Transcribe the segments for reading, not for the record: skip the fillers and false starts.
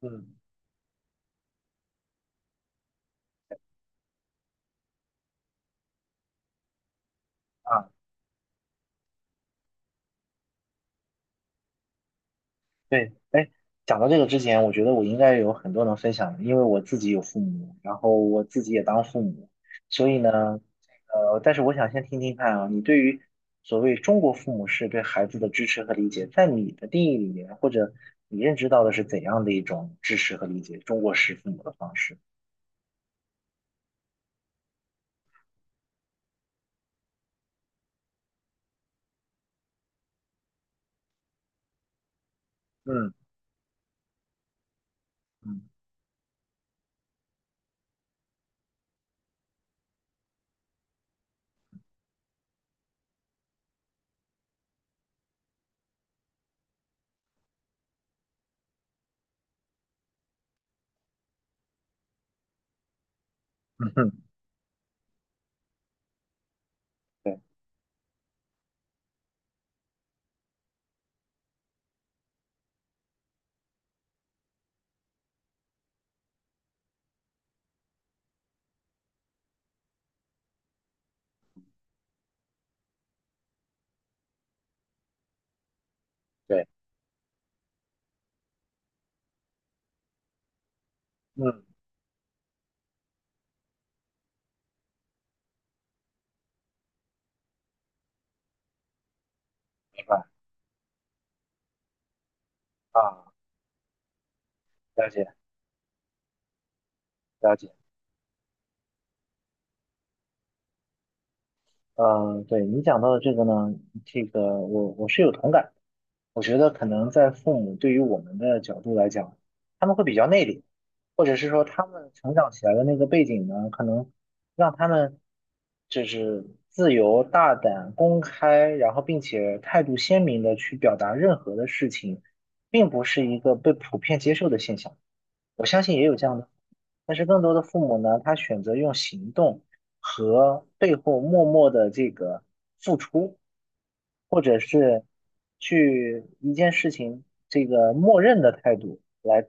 嗯啊，对，哎，讲到这个之前，我觉得我应该有很多能分享的，因为我自己有父母，然后我自己也当父母，所以呢，但是我想先听听看啊，你对于所谓中国父母是对孩子的支持和理解，在你的定义里面，或者你认知到的是怎样的一种支持和理解中国式父母的方式？嗯嗯嗯嗯，对对，嗯，明白啊，了解了解。呃，对你讲到的这个呢，这个我是有同感。我觉得可能在父母对于我们的角度来讲，他们会比较内敛，或者是说他们成长起来的那个背景呢，可能让他们就是自由、大胆、公开，然后并且态度鲜明的去表达任何的事情，并不是一个被普遍接受的现象。我相信也有这样的。但是更多的父母呢，他选择用行动和背后默默的这个付出，或者是去一件事情这个默认的态度来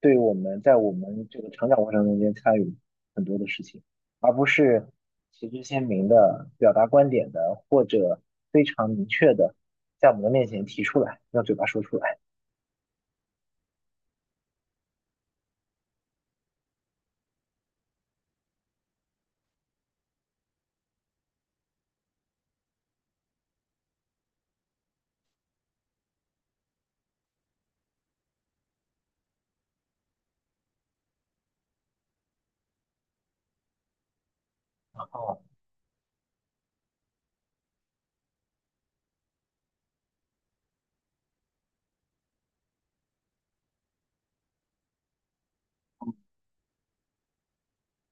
对我们在我们这个成长过程中间参与很多的事情，而不是旗帜鲜明的表达观点的，或者非常明确的在我们的面前提出来，用嘴巴说出来。哦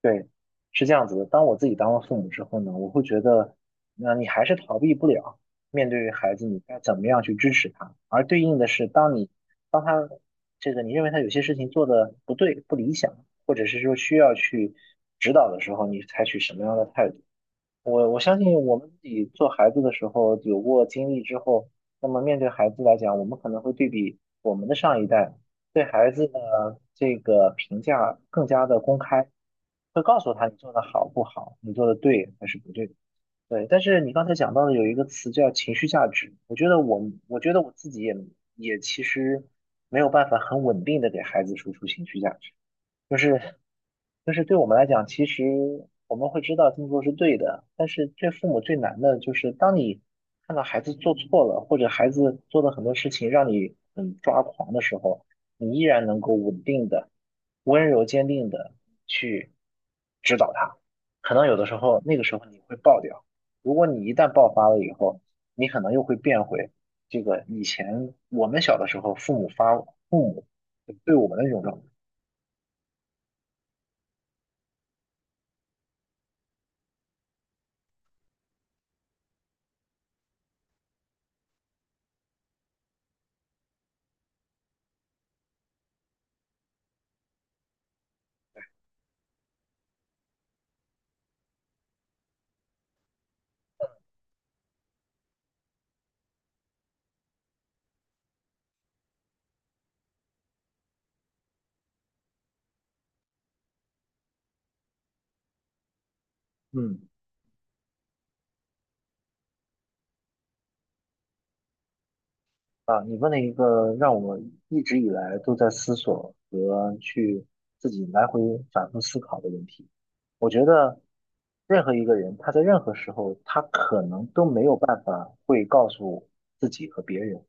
对，是这样子的。当我自己当了父母之后呢，我会觉得，那你还是逃避不了面对孩子，你该怎么样去支持他。而对应的是，当你当他这个你认为他有些事情做的不对、不理想，或者是说需要去指导的时候，你采取什么样的态度？我相信我们自己做孩子的时候有过经历之后，那么面对孩子来讲，我们可能会对比我们的上一代对孩子的这个评价更加的公开，会告诉他你做的好不好，你做的对还是不对。对，但是你刚才讲到的有一个词叫情绪价值，我觉得我觉得我自己也也其实没有办法很稳定的给孩子输出情绪价值。就是就是对我们来讲，其实我们会知道这么做是对的，但是对父母最难的就是当你看到孩子做错了，或者孩子做的很多事情让你很抓狂的时候，你依然能够稳定的、温柔坚定的去指导他。可能有的时候那个时候你会爆掉，如果你一旦爆发了以后，你可能又会变回这个以前我们小的时候父母对我们的那种状态。嗯。啊，你问了一个让我一直以来都在思索和去自己来回反复思考的问题。我觉得任何一个人，他在任何时候，他可能都没有办法会告诉自己和别人，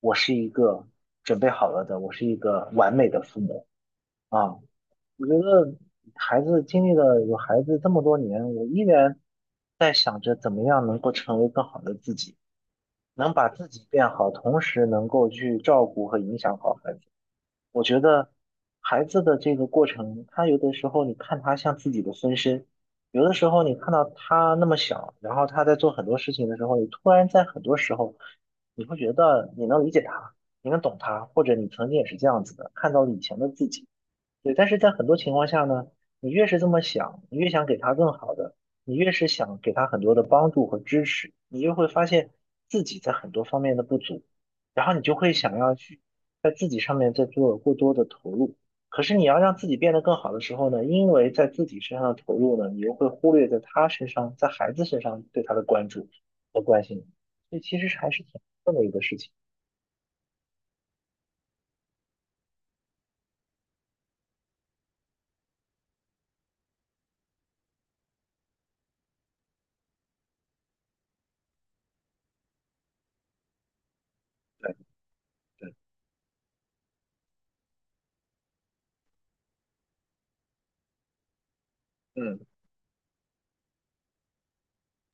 我是一个准备好了的，我是一个完美的父母啊。我觉得孩子经历了有孩子这么多年，我依然在想着怎么样能够成为更好的自己。能把自己变好，同时能够去照顾和影响好孩子。我觉得孩子的这个过程，他有的时候你看他像自己的分身，有的时候你看到他那么小，然后他在做很多事情的时候，你突然在很多时候，你会觉得你能理解他，你能懂他，或者你曾经也是这样子的，看到了以前的自己。对，但是在很多情况下呢，你越是这么想，你越想给他更好的，你越是想给他很多的帮助和支持，你就会发现自己在很多方面的不足，然后你就会想要去在自己上面再做过多的投入。可是你要让自己变得更好的时候呢，因为在自己身上的投入呢，你又会忽略在他身上，在孩子身上对他的关注和关心，所以其实是还是挺难的一个事情。对对，嗯，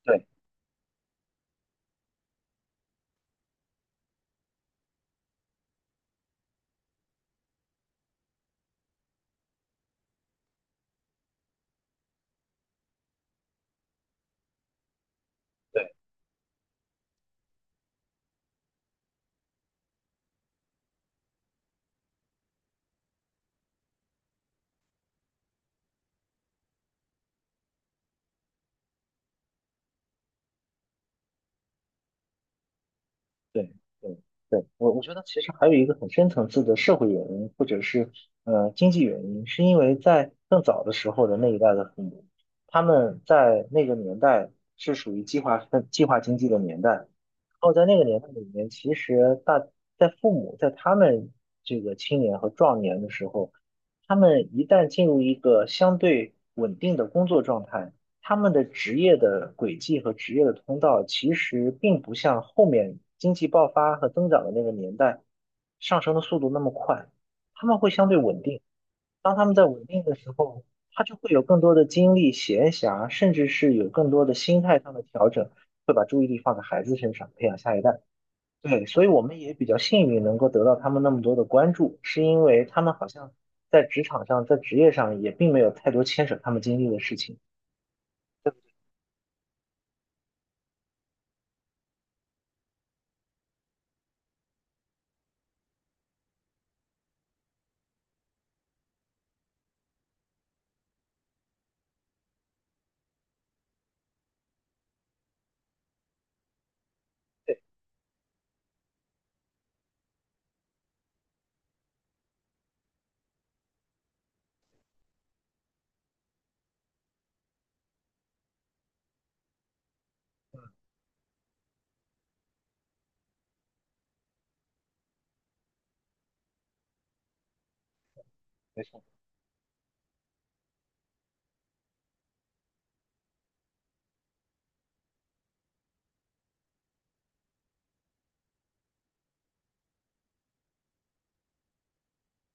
对对。对对对，我觉得其实还有一个很深层次的社会原因，或者是经济原因，是因为在更早的时候的那一代的父母，他们在那个年代是属于计划经济的年代，然后在那个年代里面，其实大在父母在他们这个青年和壮年的时候，他们一旦进入一个相对稳定的工作状态。他们的职业的轨迹和职业的通道，其实并不像后面经济爆发和增长的那个年代上升的速度那么快，他们会相对稳定。当他们在稳定的时候，他就会有更多的精力、闲暇，甚至是有更多的心态上的调整，会把注意力放在孩子身上，培养下一代。对，所以我们也比较幸运，能够得到他们那么多的关注，是因为他们好像在职场上、在职业上也并没有太多牵扯他们经历的事情。对，没错。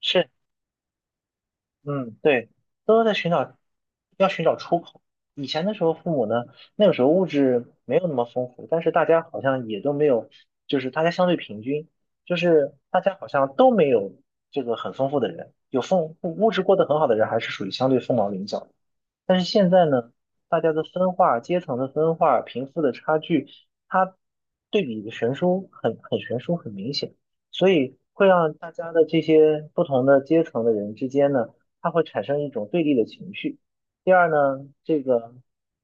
是嗯，对，都在寻找，要寻找出口。以前的时候，父母呢，那个时候物质没有那么丰富，但是大家好像也都没有，就是大家相对平均，就是大家好像都没有这个很丰富的人，物质过得很好的人，还是属于相对凤毛麟角的。但是现在呢，大家的分化、阶层的分化、贫富的差距，它对比的悬殊很悬殊很明显，所以会让大家的这些不同的阶层的人之间呢，它会产生一种对立的情绪。第二呢，这个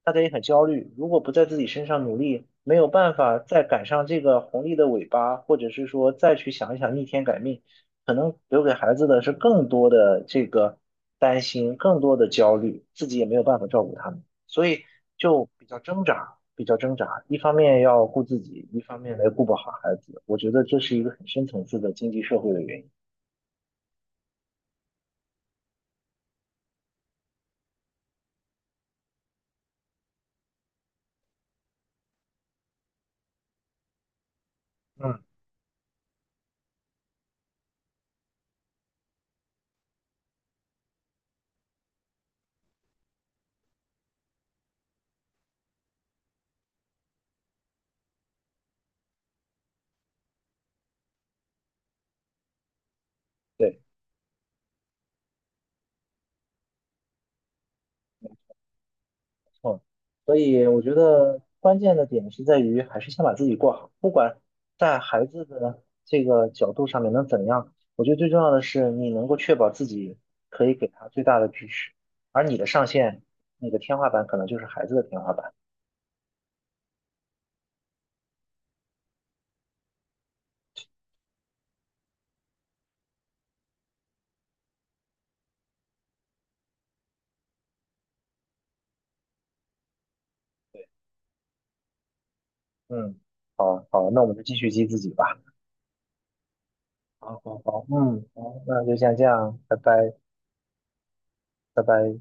大家也很焦虑，如果不在自己身上努力，没有办法再赶上这个红利的尾巴，或者是说再去想一想逆天改命。可能留给孩子的是更多的这个担心，更多的焦虑，自己也没有办法照顾他们，所以就比较挣扎，比较挣扎。一方面要顾自己，一方面来顾不好孩子，我觉得这是一个很深层次的经济社会的原因。嗯，对。嗯，所以我觉得关键的点是在于，还是先把自己过好，不管在孩子的这个角度上面能怎样，我觉得最重要的是你能够确保自己可以给他最大的支持，而你的上限，你的天花板可能就是孩子的天花板。嗯，好，那我们就继续激自己吧。好好好，嗯，好，那就先这样，拜拜，拜拜。